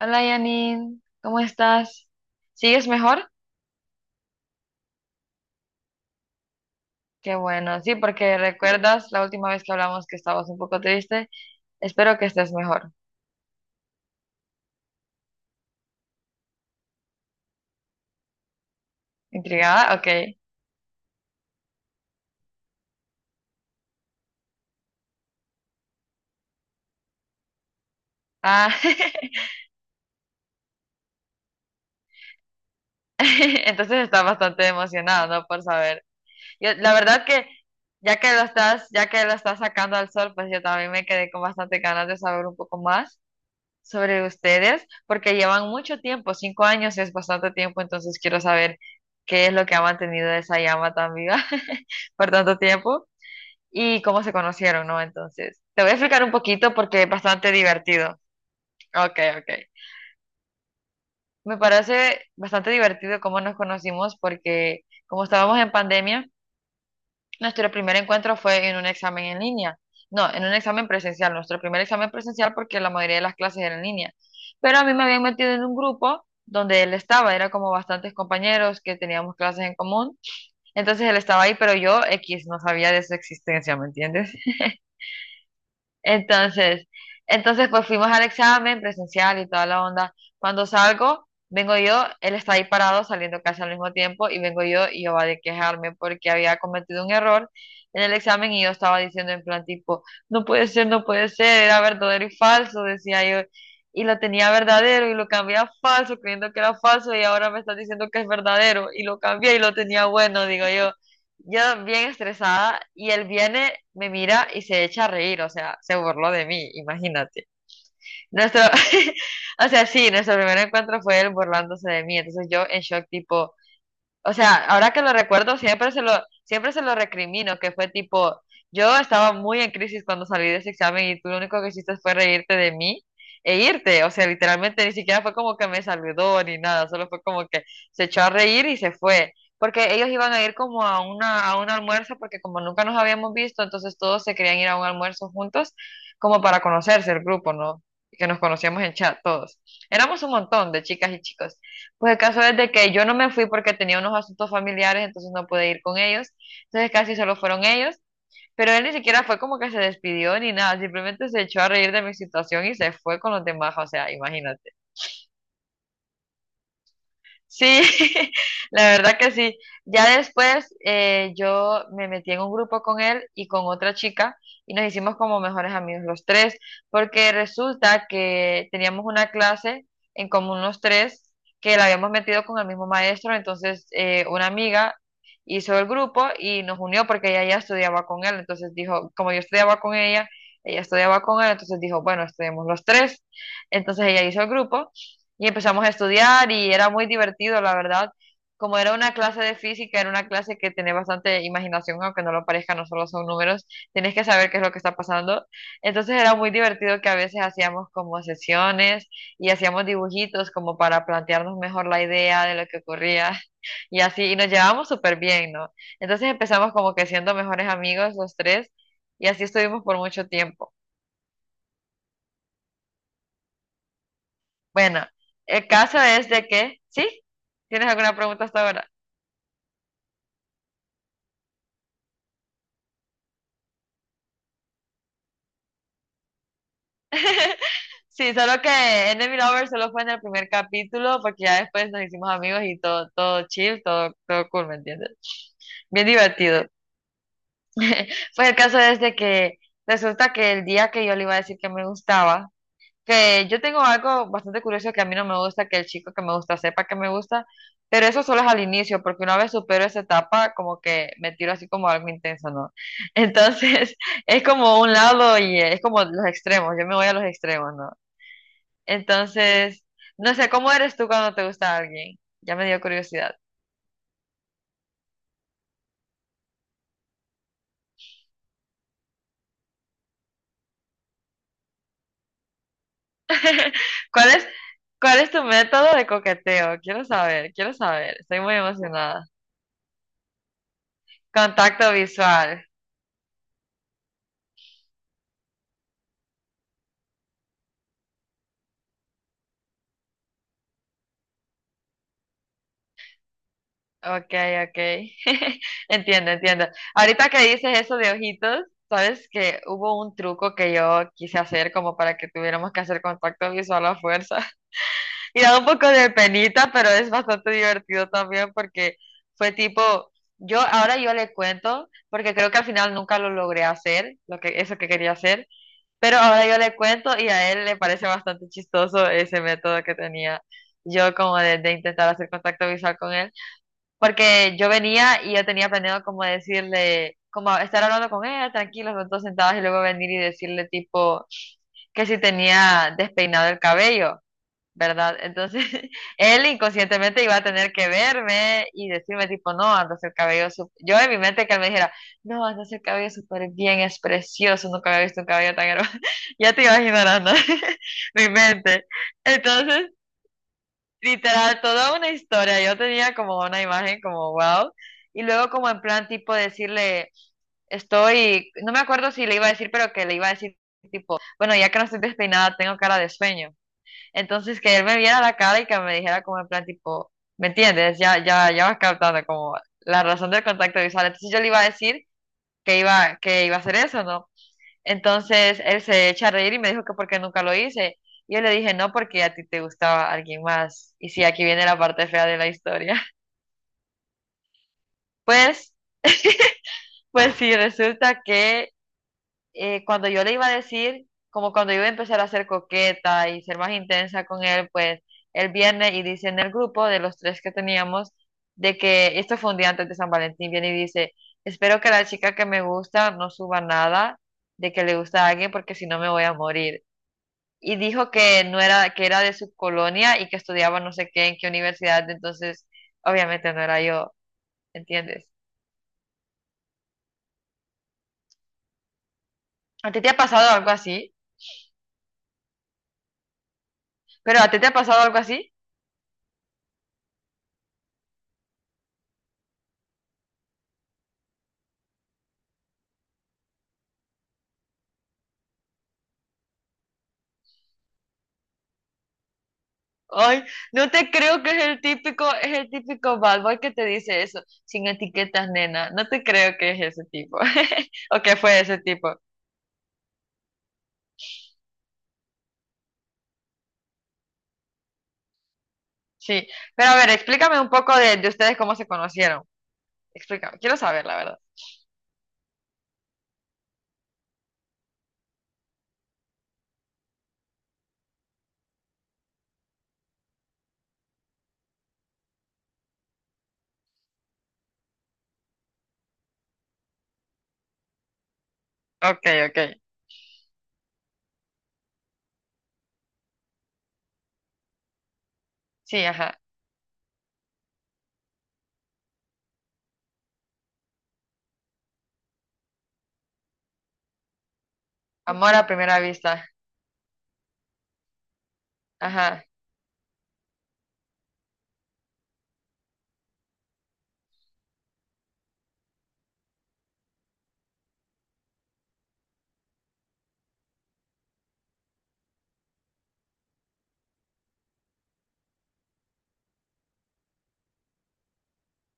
Hola Yanin, ¿cómo estás? ¿Sigues mejor? Qué bueno, sí, porque recuerdas la última vez que hablamos que estabas un poco triste. Espero que estés mejor. ¿Intrigada? Ok. Ah, entonces estás bastante emocionado, ¿no? Por saber. Yo, la verdad que ya que lo estás sacando al sol, pues yo también me quedé con bastante ganas de saber un poco más sobre ustedes, porque llevan mucho tiempo, 5 años es bastante tiempo, entonces quiero saber qué es lo que ha mantenido esa llama tan viva por tanto tiempo y cómo se conocieron, ¿no? Entonces, te voy a explicar un poquito porque es bastante divertido. Ok, ok. Me parece bastante divertido cómo nos conocimos porque como estábamos en pandemia, nuestro primer encuentro fue en un examen en línea. No, en un examen presencial. Nuestro primer examen presencial porque la mayoría de las clases eran en línea. Pero a mí me habían metido en un grupo donde él estaba. Era como bastantes compañeros que teníamos clases en común. Entonces él estaba ahí, pero yo, X, no sabía de su existencia, ¿me entiendes? Entonces, entonces pues fuimos al examen presencial y toda la onda. Cuando salgo, vengo yo, él está ahí parado saliendo casi al mismo tiempo y vengo yo y yo va de quejarme porque había cometido un error en el examen y yo estaba diciendo en plan tipo, no puede ser, no puede ser, era verdadero y falso, decía yo. Y lo tenía verdadero y lo cambié a falso creyendo que era falso y ahora me está diciendo que es verdadero y lo cambié y lo tenía bueno, digo yo. Yo bien estresada y él viene, me mira y se echa a reír, o sea, se burló de mí, imagínate. Nuestro, o sea, sí, nuestro primer encuentro fue él burlándose de mí, entonces yo en shock tipo, o sea, ahora que lo recuerdo, siempre se lo recrimino, que fue tipo, yo estaba muy en crisis cuando salí de ese examen y tú lo único que hiciste fue reírte de mí e irte. O sea, literalmente ni siquiera fue como que me saludó ni nada, solo fue como que se echó a reír y se fue. Porque ellos iban a ir como a una, a un almuerzo, porque como nunca nos habíamos visto, entonces todos se querían ir a un almuerzo juntos, como para conocerse el grupo, ¿no? Que nos conocíamos en chat todos. Éramos un montón de chicas y chicos. Pues el caso es de que yo no me fui porque tenía unos asuntos familiares, entonces no pude ir con ellos. Entonces casi solo fueron ellos, pero él ni siquiera fue como que se despidió ni nada, simplemente se echó a reír de mi situación y se fue con los demás, o sea, imagínate. Sí, la verdad que sí. Ya después yo me metí en un grupo con él y con otra chica y nos hicimos como mejores amigos los tres, porque resulta que teníamos una clase en común los tres que la habíamos metido con el mismo maestro, entonces una amiga hizo el grupo y nos unió porque ella ya estudiaba con él, entonces dijo, como yo estudiaba con ella, ella estudiaba con él, entonces dijo, bueno, estudiamos los tres, entonces ella hizo el grupo y empezamos a estudiar y era muy divertido, la verdad. Como era una clase de física, era una clase que tenía bastante imaginación, aunque no lo parezca, no solo son números, tienes que saber qué es lo que está pasando. Entonces era muy divertido que a veces hacíamos como sesiones y hacíamos dibujitos como para plantearnos mejor la idea de lo que ocurría y así, y nos llevábamos súper bien, ¿no? Entonces empezamos como que siendo mejores amigos los tres y así estuvimos por mucho tiempo. Bueno, el caso es de que, ¿sí? ¿Tienes alguna pregunta hasta ahora? Sí, solo que Enemy Lover solo fue en el primer capítulo, porque ya después nos hicimos amigos y todo, todo chill, todo, todo cool, ¿me entiendes? Bien divertido. Pues el caso es de que resulta que el día que yo le iba a decir que me gustaba, que yo tengo algo bastante curioso que a mí no me gusta, que el chico que me gusta sepa que me gusta, pero eso solo es al inicio, porque una vez supero esa etapa, como que me tiro así como algo intenso, ¿no? Entonces, es como un lado y es como los extremos, yo me voy a los extremos, ¿no? Entonces, no sé, ¿cómo eres tú cuando te gusta alguien? Ya me dio curiosidad. ¿Cuál es, ¿cuál es tu método de coqueteo? Quiero saber, quiero saber. Estoy muy emocionada. Contacto visual. Ok, ok. Entiendo, entiendo. Ahorita que dices eso de ojitos, sabes que hubo un truco que yo quise hacer como para que tuviéramos que hacer contacto visual a fuerza. Y da un poco de penita, pero es bastante divertido también porque fue tipo, yo ahora yo le cuento, porque creo que al final nunca lo logré hacer, lo que, eso que quería hacer, pero ahora yo le cuento y a él le parece bastante chistoso ese método que tenía yo como de intentar hacer contacto visual con él, porque yo venía y yo tenía planeado como decirle, como estar hablando con él, tranquilos, los dos sentados y luego venir y decirle tipo que si tenía despeinado el cabello, ¿verdad? Entonces, él inconscientemente iba a tener que verme y decirme tipo, no, andas el cabello, sup-". Yo en mi mente que él me dijera, no, andas el cabello súper bien, es precioso, nunca había visto un cabello tan hermoso, ya te imaginarás, ¿no? Mi mente. Entonces, literal, toda una historia, yo tenía como una imagen como, wow. Y luego como en plan tipo decirle, estoy, no me acuerdo si le iba a decir, pero que le iba a decir tipo, bueno, ya que no estoy despeinada, tengo cara de sueño. Entonces, que él me viera la cara y que me dijera como en plan tipo, ¿me entiendes? Ya, ya, ya vas captando como la razón del contacto visual. Entonces yo le iba a decir que iba a hacer eso, ¿no? Entonces él se echa a reír y me dijo que porque nunca lo hice. Y yo le dije, no, porque a ti te gustaba alguien más. Y sí, aquí viene la parte fea de la historia. Pues, pues sí, resulta que cuando yo le iba a decir, como cuando yo iba a empezar a ser coqueta y ser más intensa con él, pues él viene y dice en el grupo de los tres que teníamos, de que esto fue un día antes de San Valentín, viene y dice, espero que la chica que me gusta no suba nada de que le gusta a alguien porque si no me voy a morir. Y dijo que no era, que era de su colonia y que estudiaba no sé qué, en qué universidad, entonces obviamente no era yo, ¿entiendes? ¿A ti te ha pasado algo así? ¿Pero a ti te ha pasado algo así? Ay, no te creo que es el típico bad boy que te dice eso, sin etiquetas, nena. No te creo que es ese tipo. O que fue ese tipo. Sí. Pero a ver, explícame un poco de ustedes cómo se conocieron. Explícame. Quiero saber, la verdad. Ok, ok. Sí, ajá. Amor a primera vista. Ajá.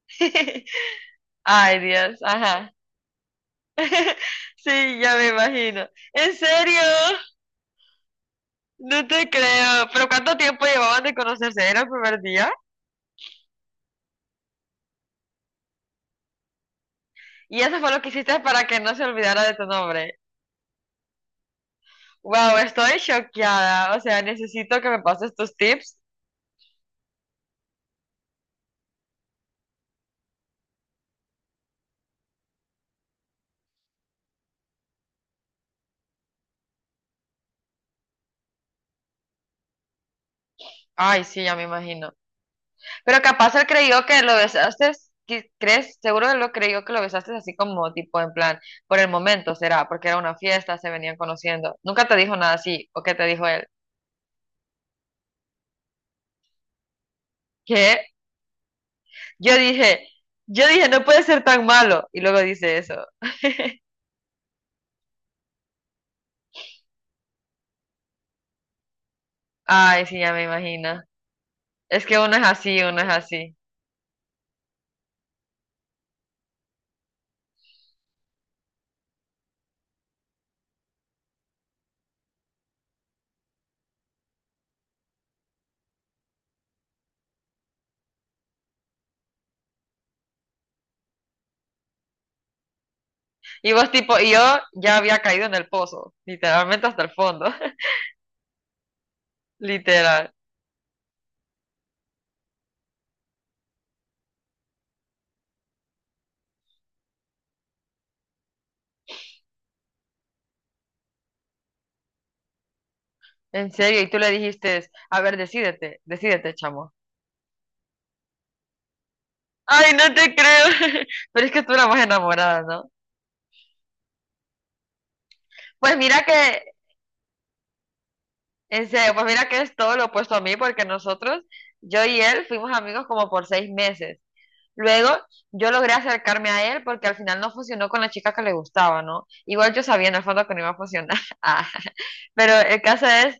Ay, Dios. Ajá. Sí, ya me imagino. ¿En serio? No te creo. ¿Pero cuánto tiempo llevaban de conocerse? ¿Era el primer día? Y eso fue lo que hiciste para que no se olvidara de tu nombre. Wow, estoy choqueada. O sea, necesito que me pases tus tips. Ay, sí, ya me imagino. Pero capaz él creyó que lo besaste, que- ¿crees? Seguro él lo creyó que lo besaste así como tipo en plan, por el momento será, porque era una fiesta, se venían conociendo. Nunca te dijo nada así, ¿o qué te dijo él? ¿Qué? Yo dije, yo dije, no puede ser tan malo. Y luego dice eso. Ay, sí, ya me imagino. Es que uno es así, uno es así. Y vos tipo, y yo ya había caído en el pozo, literalmente hasta el fondo, literal. En serio, y tú le dijiste, a ver, decídete, decídete, chamo. Ay, no te creo. Pero es que tú eras más enamorada, ¿no? Pues mira que, en serio, pues mira que es todo lo opuesto a mí, porque nosotros, yo y él, fuimos amigos como por 6 meses. Luego, yo logré acercarme a él porque al final no funcionó con la chica que le gustaba, ¿no? Igual yo sabía en el fondo que no iba a funcionar. Ah, pero el caso es...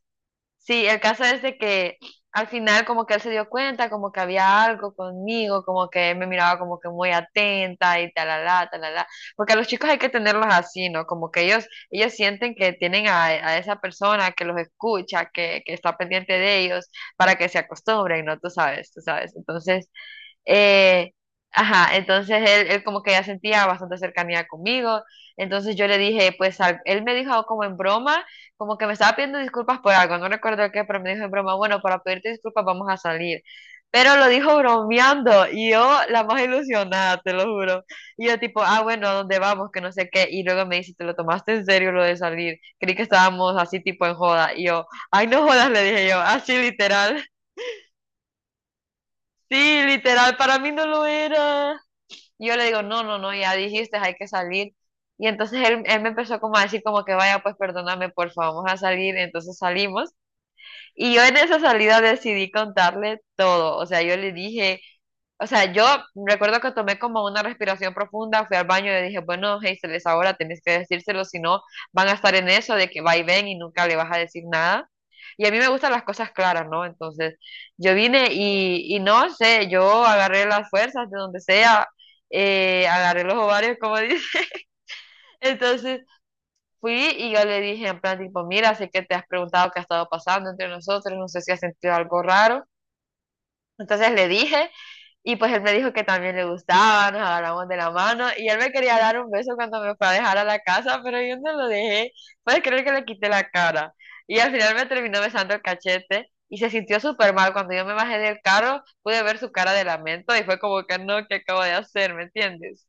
Sí, el caso es de que al final como que él se dio cuenta, como que había algo conmigo, como que él me miraba como que muy atenta y talala, talala. Porque a los chicos hay que tenerlos así, ¿no? Como que ellos sienten que tienen a esa persona que los escucha, que está pendiente de ellos, para que se acostumbren, ¿no? Tú sabes, tú sabes. Entonces, eh, ajá, entonces él como que ya sentía bastante cercanía conmigo. Entonces yo le dije, pues él me dijo como en broma, como que me estaba pidiendo disculpas por algo, no recuerdo qué, pero me dijo en broma: bueno, para pedirte disculpas vamos a salir. Pero lo dijo bromeando y yo la más ilusionada, te lo juro. Y yo tipo, ah, bueno, ¿a dónde vamos? Que no sé qué. Y luego me dice, ¿te lo tomaste en serio lo de salir? Creí que estábamos así tipo en joda. Y yo, ay, no jodas, le dije yo, así literal. Sí, literal, para mí no lo era. Yo le digo, no, no, no, ya dijiste, hay que salir. Y entonces él me empezó como a decir como que vaya, pues perdóname, porfa, vamos a salir. Entonces salimos. Y yo en esa salida decidí contarle todo. O sea, yo le dije... o sea, yo recuerdo que tomé como una respiración profunda, fui al baño y le dije, bueno, Hazel, es ahora, tenés que decírselo, si no, van a estar en eso de que va y ven y nunca le vas a decir nada. Y a mí me gustan las cosas claras, ¿no? Entonces, yo vine y no sé, yo agarré las fuerzas de donde sea, agarré los ovarios, como dice. Entonces, fui y yo le dije en plan, tipo, mira, sé que te has preguntado qué ha estado pasando entre nosotros, no sé si has sentido algo raro. Entonces le dije y pues él me dijo que también le gustaba, nos agarramos de la mano y él me quería dar un beso cuando me fue a dejar a la casa, pero yo no lo dejé. Puedes creer que le quité la cara. Y al final me terminó besando el cachete y se sintió súper mal. Cuando yo me bajé del carro, pude ver su cara de lamento y fue como que no, ¿qué acabo de hacer? ¿Me entiendes?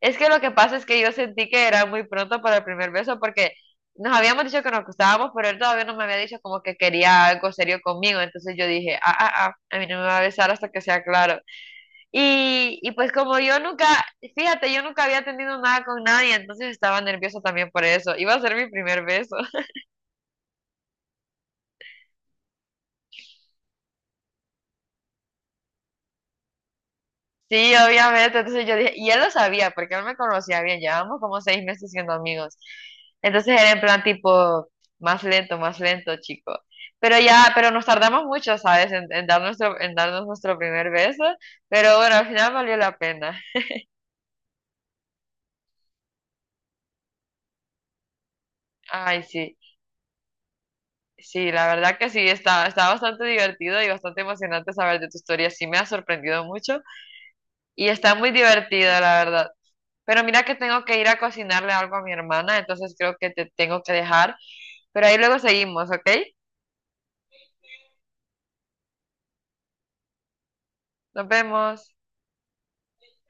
Es que lo que pasa es que yo sentí que era muy pronto para el primer beso, porque nos habíamos dicho que nos gustábamos, pero él todavía no me había dicho como que quería algo serio conmigo. Entonces yo dije, ah, ah, ah, a mí no me va a besar hasta que sea claro. Y pues como yo nunca, fíjate, yo nunca había tenido nada con nadie, entonces estaba nerviosa también por eso. Iba a ser mi primer beso. Sí, obviamente. Entonces yo dije, y él lo sabía, porque él me conocía bien, llevábamos como 6 meses siendo amigos. Entonces era en plan tipo, más lento, chico. Pero ya, pero nos tardamos mucho, ¿sabes? En dar nuestro, en darnos nuestro primer beso. Pero bueno, al final valió la pena. Ay, sí. Sí, la verdad que sí, está, está bastante divertido y bastante emocionante saber de tu historia. Sí, me ha sorprendido mucho y está muy divertido, la verdad. Pero mira que tengo que ir a cocinarle algo a mi hermana, entonces creo que te tengo que dejar. Pero ahí luego seguimos, ¿ok? Nos vemos.